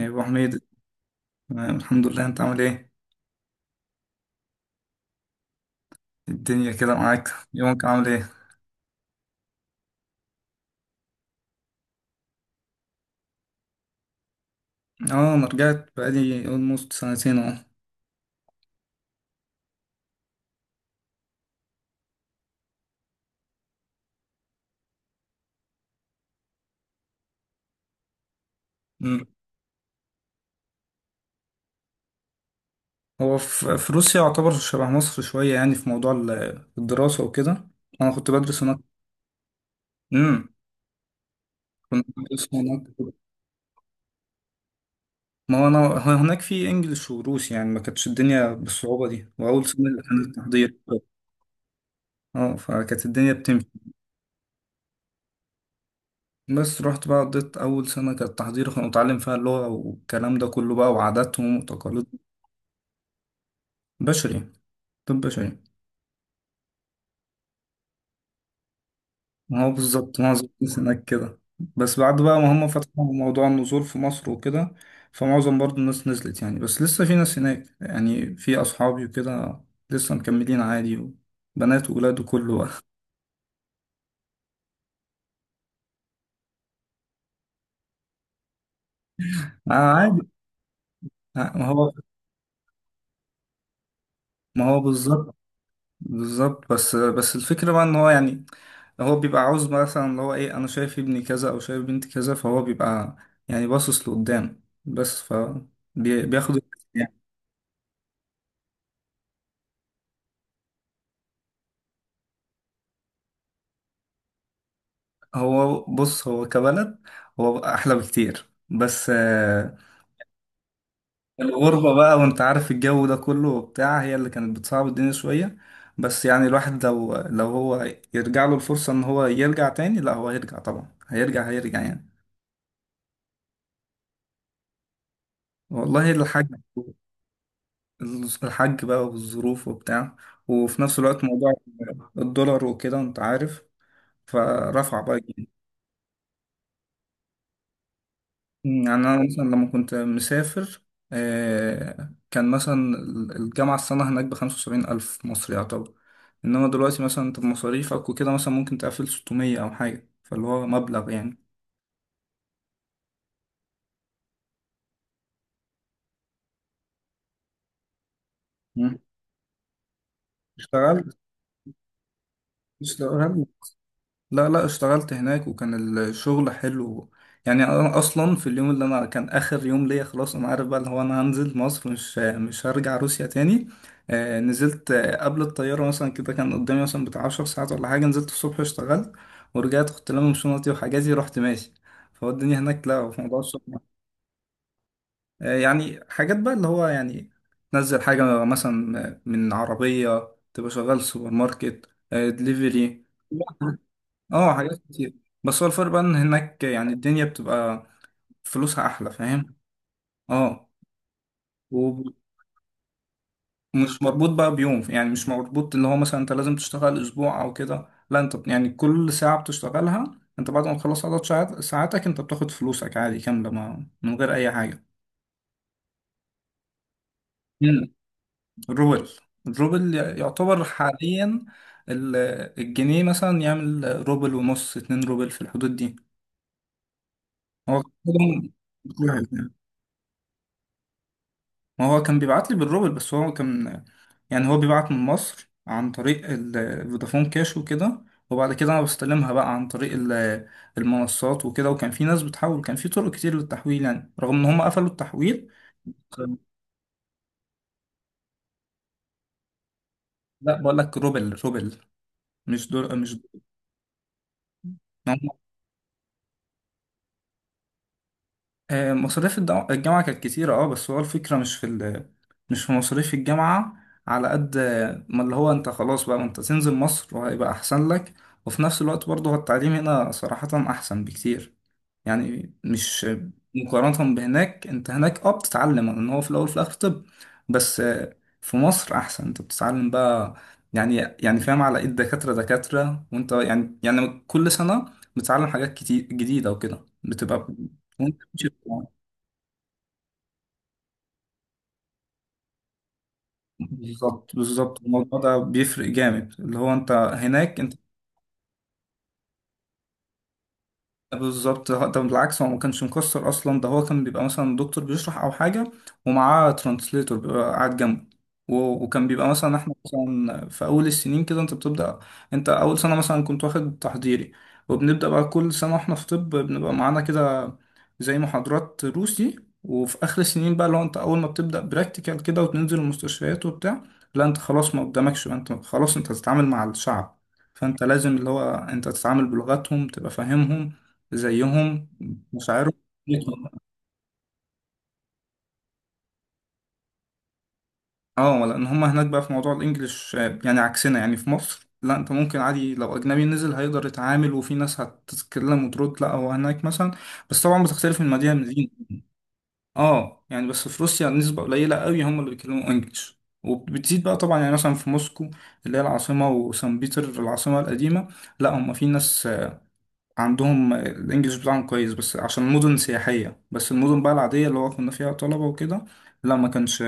يا ابو حميد، تمام، الحمد لله. انت عامل ايه؟ الدنيا كده معاك؟ يومك عامل ايه؟ اه انا رجعت بقالي almost سنتين اهو. مم. هو في روسيا يعتبر شبه مصر شويه، يعني في موضوع الدراسه وكده. انا كنت بدرس هناك. امم. كنت بدرس هناك. ما هو انا، هو هناك في انجلش وروسي، يعني ما كانتش الدنيا بالصعوبه دي، واول سنه اللي كانت تحضير. اه، فكانت الدنيا بتمشي. بس رحت بقى، قضيت أول سنة كانت تحضير، كنا بنتعلم فيها اللغة والكلام ده كله بقى، وعاداتهم وتقاليدهم. بشري. طب بشري. ما هو بالظبط، معظم الناس هناك كده. بس بعد بقى ما هم فتحوا موضوع النزول في مصر وكده، فمعظم برضو الناس نزلت يعني. بس لسه في ناس هناك يعني، في أصحابي وكده، لسه مكملين عادي. بنات وولاد وكله بقى آه عادي. آه، ما هو بالظبط. بالظبط، بس الفكرة بقى إن هو يعني، هو بيبقى عاوز مثلا اللي هو إيه، أنا شايف ابني كذا أو شايف بنتي كذا، فهو بيبقى يعني باصص لقدام، بس ف بياخد. هو بص، هو كبلد هو احلى بكتير، بس آه، الغربة بقى وانت عارف الجو ده كله وبتاع، هي اللي كانت بتصعب الدنيا شوية. بس يعني الواحد لو هو يرجع له الفرصة ان هو يرجع تاني، لا هو هيرجع طبعا، هيرجع هيرجع يعني. والله الحاج. الحاج بقى، والظروف وبتاع، وفي نفس الوقت موضوع الدولار وكده انت عارف، فرفع بقى. يعني أنا مثلا لما كنت مسافر، آه، كان مثلا الجامعة السنة هناك بـ75 ألف مصري يعتبر. إنما دلوقتي مثلا أنت بمصاريفك وكده، مثلا ممكن تقفل 600 أو حاجة، فاللي هو مبلغ يعني. مم. اشتغلت. اشتغلت. لا لا، اشتغلت هناك وكان الشغل حلو. يعني انا اصلا في اليوم اللي انا كان اخر يوم ليا خلاص، انا عارف بقى اللي هو انا هنزل مصر، مش هرجع روسيا تاني. آه نزلت، آه، قبل الطيارة مثلا كده كان قدامي مثلا بتاع 10 ساعات ولا حاجة، نزلت الصبح اشتغلت ورجعت، كنت لامم شنطتي وحاجاتي، رحت ماشي. فهو الدنيا هناك لا، في موضوع الشغل آه، يعني حاجات بقى اللي هو يعني تنزل حاجة مثلا من عربية، تبقى شغال سوبر ماركت، آه دليفري. اه حاجات كتير. بس هو الفرق بقى ان هناك يعني الدنيا بتبقى فلوسها احلى، فاهم. اه، ومش مربوط بقى بيوم، يعني مش مربوط اللي هو مثلا انت لازم تشتغل اسبوع او كده، لا انت يعني كل ساعة بتشتغلها انت بعد ما تخلص عدد ساعاتك، انت بتاخد فلوسك عادي كاملة ما، من غير اي حاجة. مم. الروبل. الروبل يعتبر حاليا ال- الجنيه مثلا يعمل روبل ونص، 2 روبل، في الحدود دي. هو ما هو كان بيبعت لي بالروبل، بس هو كان يعني هو بيبعت من مصر عن طريق فودافون كاش وكده، وبعد كده انا بستلمها بقى عن طريق المنصات وكده. وكان في ناس بتحول، كان في طرق كتير للتحويل يعني، رغم ان هم قفلوا التحويل. كان- لا بقول لك روبل، روبل، مش دول مش. آه، مصاريف الجامعة كانت كتيرة اه، بس هو الفكرة مش في ال... مش في مصاريف الجامعة، على قد آه، ما اللي هو انت خلاص بقى ما انت تنزل مصر وهيبقى أحسن لك. وفي نفس الوقت برضه هو التعليم هنا صراحة أحسن بكتير. يعني مش مقارنة بهناك، انت هناك اه بتتعلم ان هو في الأول وفي الآخر طب. بس آه، في مصر أحسن، انت بتتعلم بقى يعني، يعني فاهم، على ايد دكاترة دكاترة، وانت يعني يعني كل سنة بتتعلم حاجات كتير جديدة وكده، بتبقى وانت بتمشي. بالظبط بالظبط، الموضوع ده بيفرق جامد اللي هو انت هناك انت. بالظبط، ده بالعكس هو ما كانش مكسر اصلا، ده هو كان بيبقى مثلا دكتور بيشرح او حاجه ومعاه ترانسليتور بيبقى قاعد جنبه. و- وكان بيبقى مثلا احنا مثلا في اول السنين كده انت بتبدا. انت اول سنه مثلا كنت واخد تحضيري. وبنبدا بقى كل سنه احنا في طب بنبقى معانا كده زي محاضرات روسي. وفي اخر السنين بقى لو انت اول ما بتبدا براكتيكال كده وتنزل المستشفيات وبتاع، لا انت خلاص ما قدامكش بقى، انت خلاص انت هتتعامل مع الشعب، فانت لازم اللي هو انت تتعامل بلغتهم، تبقى فاهمهم زيهم، مشاعرهم. اه، لان هم هناك بقى في موضوع الانجليش آه، يعني عكسنا. يعني في مصر لا، انت ممكن عادي لو اجنبي نزل هيقدر يتعامل، وفي ناس هتتكلم وترد. لا هو هناك مثلا، بس طبعا بتختلف من مدينه لمدينه. اه يعني، بس في روسيا نسبه قليله قوي هم اللي بيتكلموا انجليش، وبتزيد بقى طبعا يعني، مثلا في موسكو اللي هي العاصمه، وسان بيتر العاصمه القديمه، لا هم في ناس عندهم الانجليش بتاعهم كويس، بس عشان مدن سياحية. بس المدن بقى العادية اللي هو كنا فيها طلبة وكده، لا ما كانش،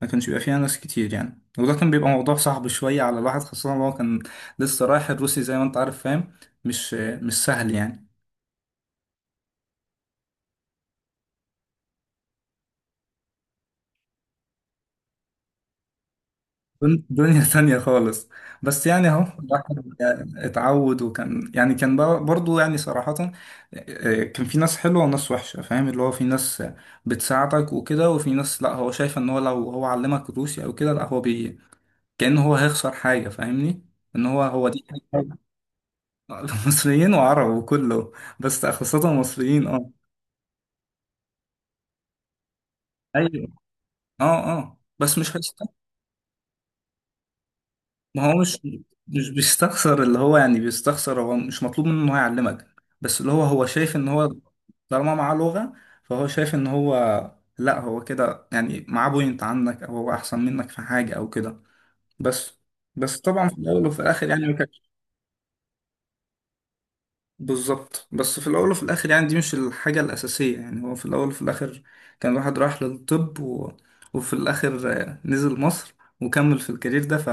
ما كانش بيبقى فيها ناس كتير يعني. وده كان بيبقى موضوع صعب شوية على الواحد، خاصة إن هو كان لسه رايح، الروسي زي ما انت عارف فاهم، مش سهل يعني. دنيا ثانية خالص. بس يعني اهو الواحد اتعود. وكان يعني كان برضو يعني صراحة، آه، كان في ناس حلوة وناس وحشة، فاهم اللي هو، في ناس بتساعدك وكده، وفي ناس لا هو شايف ان هو لو هو علمك روسي او كده، لا هو بي كأنه هو هيخسر حاجة، فاهمني، ان هو هو دي حاجة. مصريين وعرب وكله، بس خاصة مصريين اه. ايوه. اه. اه بس مش هيست... ما هو مش، مش بيستخسر اللي هو يعني، بيستخسر هو مش مطلوب منه ان هو يعلمك، بس اللي هو هو شايف ان هو طالما معاه لغة، فهو شايف ان هو لا هو كده يعني معاه بوينت عنك، او هو احسن منك في حاجة او كده. بس، بس طبعا في الاول وفي الاخر يعني. بالظبط، بس في الأول وفي الآخر يعني دي مش الحاجة الأساسية يعني، هو في الأول وفي الآخر كان الواحد راح للطب و... وفي الآخر آه، نزل مصر وكمل في الكارير ده، ف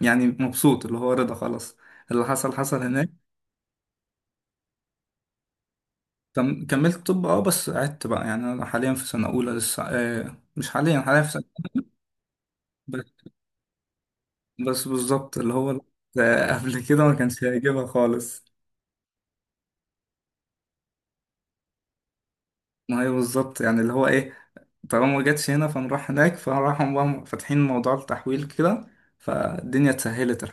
يعني مبسوط اللي هو، رضا خلاص، اللي حصل حصل هناك. كم... كملت طب اه، بس قعدت بقى يعني، أنا حاليا في سنة أولى لسه، آه مش حاليا، حاليا في سنة. بس، بس بالظبط اللي هو آه، قبل كده ما كانش هيجيبها خالص. ما هي بالظبط يعني اللي هو ايه، طالما ما جاتش هنا فنروح هناك، فراحوا بقى فاتحين موضوع التحويل كده، فالدنيا اتسهلت.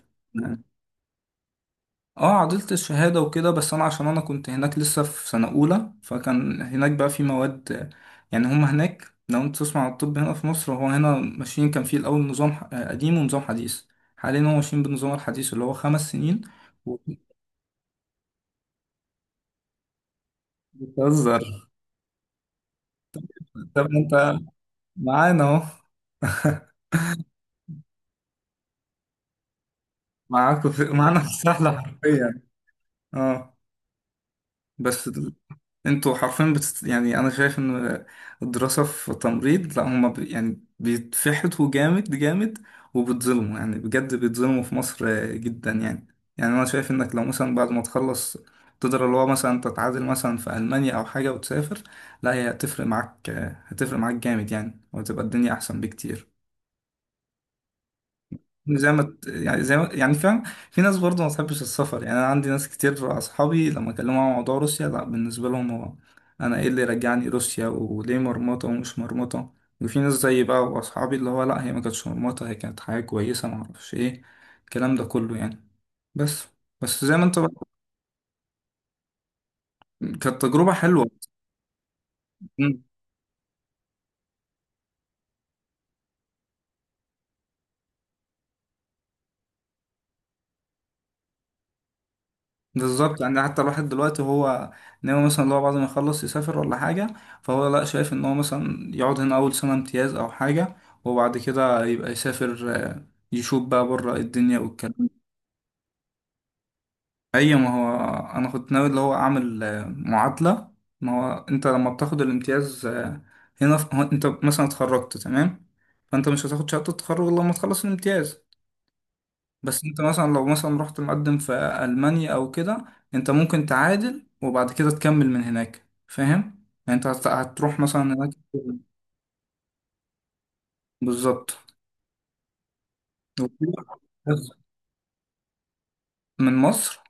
اه عدلت الشهادة وكده، بس انا عشان انا كنت هناك لسه في سنة اولى، فكان هناك بقى في مواد. يعني هما هناك لو انت تسمع عن الطب هنا في مصر، هو هنا ماشيين كان في الاول نظام آه، قديم ونظام حديث. حاليا هو ماشيين بالنظام الحديث اللي هو 5 سنين. وبتهزر. طب ما انت معانا اهو. معاكم في... معانا في السحلة حرفيا. اه بس انتوا حرفيا بتست... يعني انا شايف ان الدراسة في تمريض لا هما ب... يعني بيتفحتوا جامد جامد، وبيتظلموا يعني بجد بيتظلموا في مصر آه، جدا يعني. يعني انا شايف انك لو مثلا بعد ما تخلص تقدر اللي هو مثلا تتعادل مثلا في المانيا او حاجة وتسافر، لا هي هتفرق معاك آه، هتفرق معاك جامد يعني، وتبقى الدنيا احسن بكتير. زي ما ت- يعني زي ما يعني فاهم، في ناس برضه ما بتحبش السفر. يعني انا عندي ناس كتير اصحابي لما اكلمهم عن موضوع روسيا، لا بالنسبه لهم هو انا ايه اللي رجعني روسيا وليه مرمطه ومش مرمطه. وفي ناس زي بقى واصحابي اللي هو لا هي ما كانتش مرمطه، هي كانت حاجه كويسه، ما اعرفش ايه الكلام ده كله يعني. بس، بس زي ما انت بقى. كانت تجربه حلوه. بالظبط يعني، حتى الواحد دلوقتي هو ناوي مثلا لو بعد ما يخلص يسافر ولا حاجة، فهو لا شايف ان هو مثلا يقعد هنا اول سنة امتياز او حاجة، وبعد كده يبقى يسافر آه، يشوف بقى بره الدنيا والكلام ده. اي ما هو انا كنت ناوي اللي هو اعمل آه، معادلة. ما هو انت لما بتاخد الامتياز آه، هنا في... هو انت مثلا اتخرجت تمام، فانت مش هتاخد شهادة التخرج إلا لما تخلص الامتياز. بس انت مثلا لو مثلا رحت مقدم في ألمانيا او كده، انت ممكن تعادل وبعد كده تكمل من هناك فاهم يعني. انت هتروح مثلا هناك. بالظبط بس من مصر.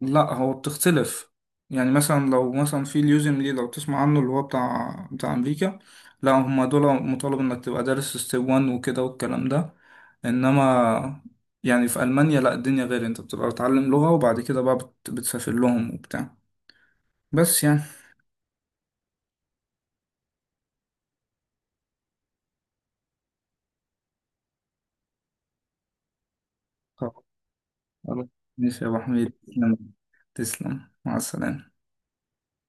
لا هو بتختلف يعني، مثلا لو مثلا في اليوزم ليه لو تسمع عنه، اللي هو بتاع امريكا، لا هم دول مطالب انك تبقى دارس ستيب 1 وكده والكلام ده. انما يعني في المانيا لا، الدنيا غير، انت بتبقى بتتعلم لغة وبعد كده بقى بتسافر لهم وبتاع. بس يعني طب خلاص. ماشي يا أبو حميد، تسلم. تسلم مع السلامة.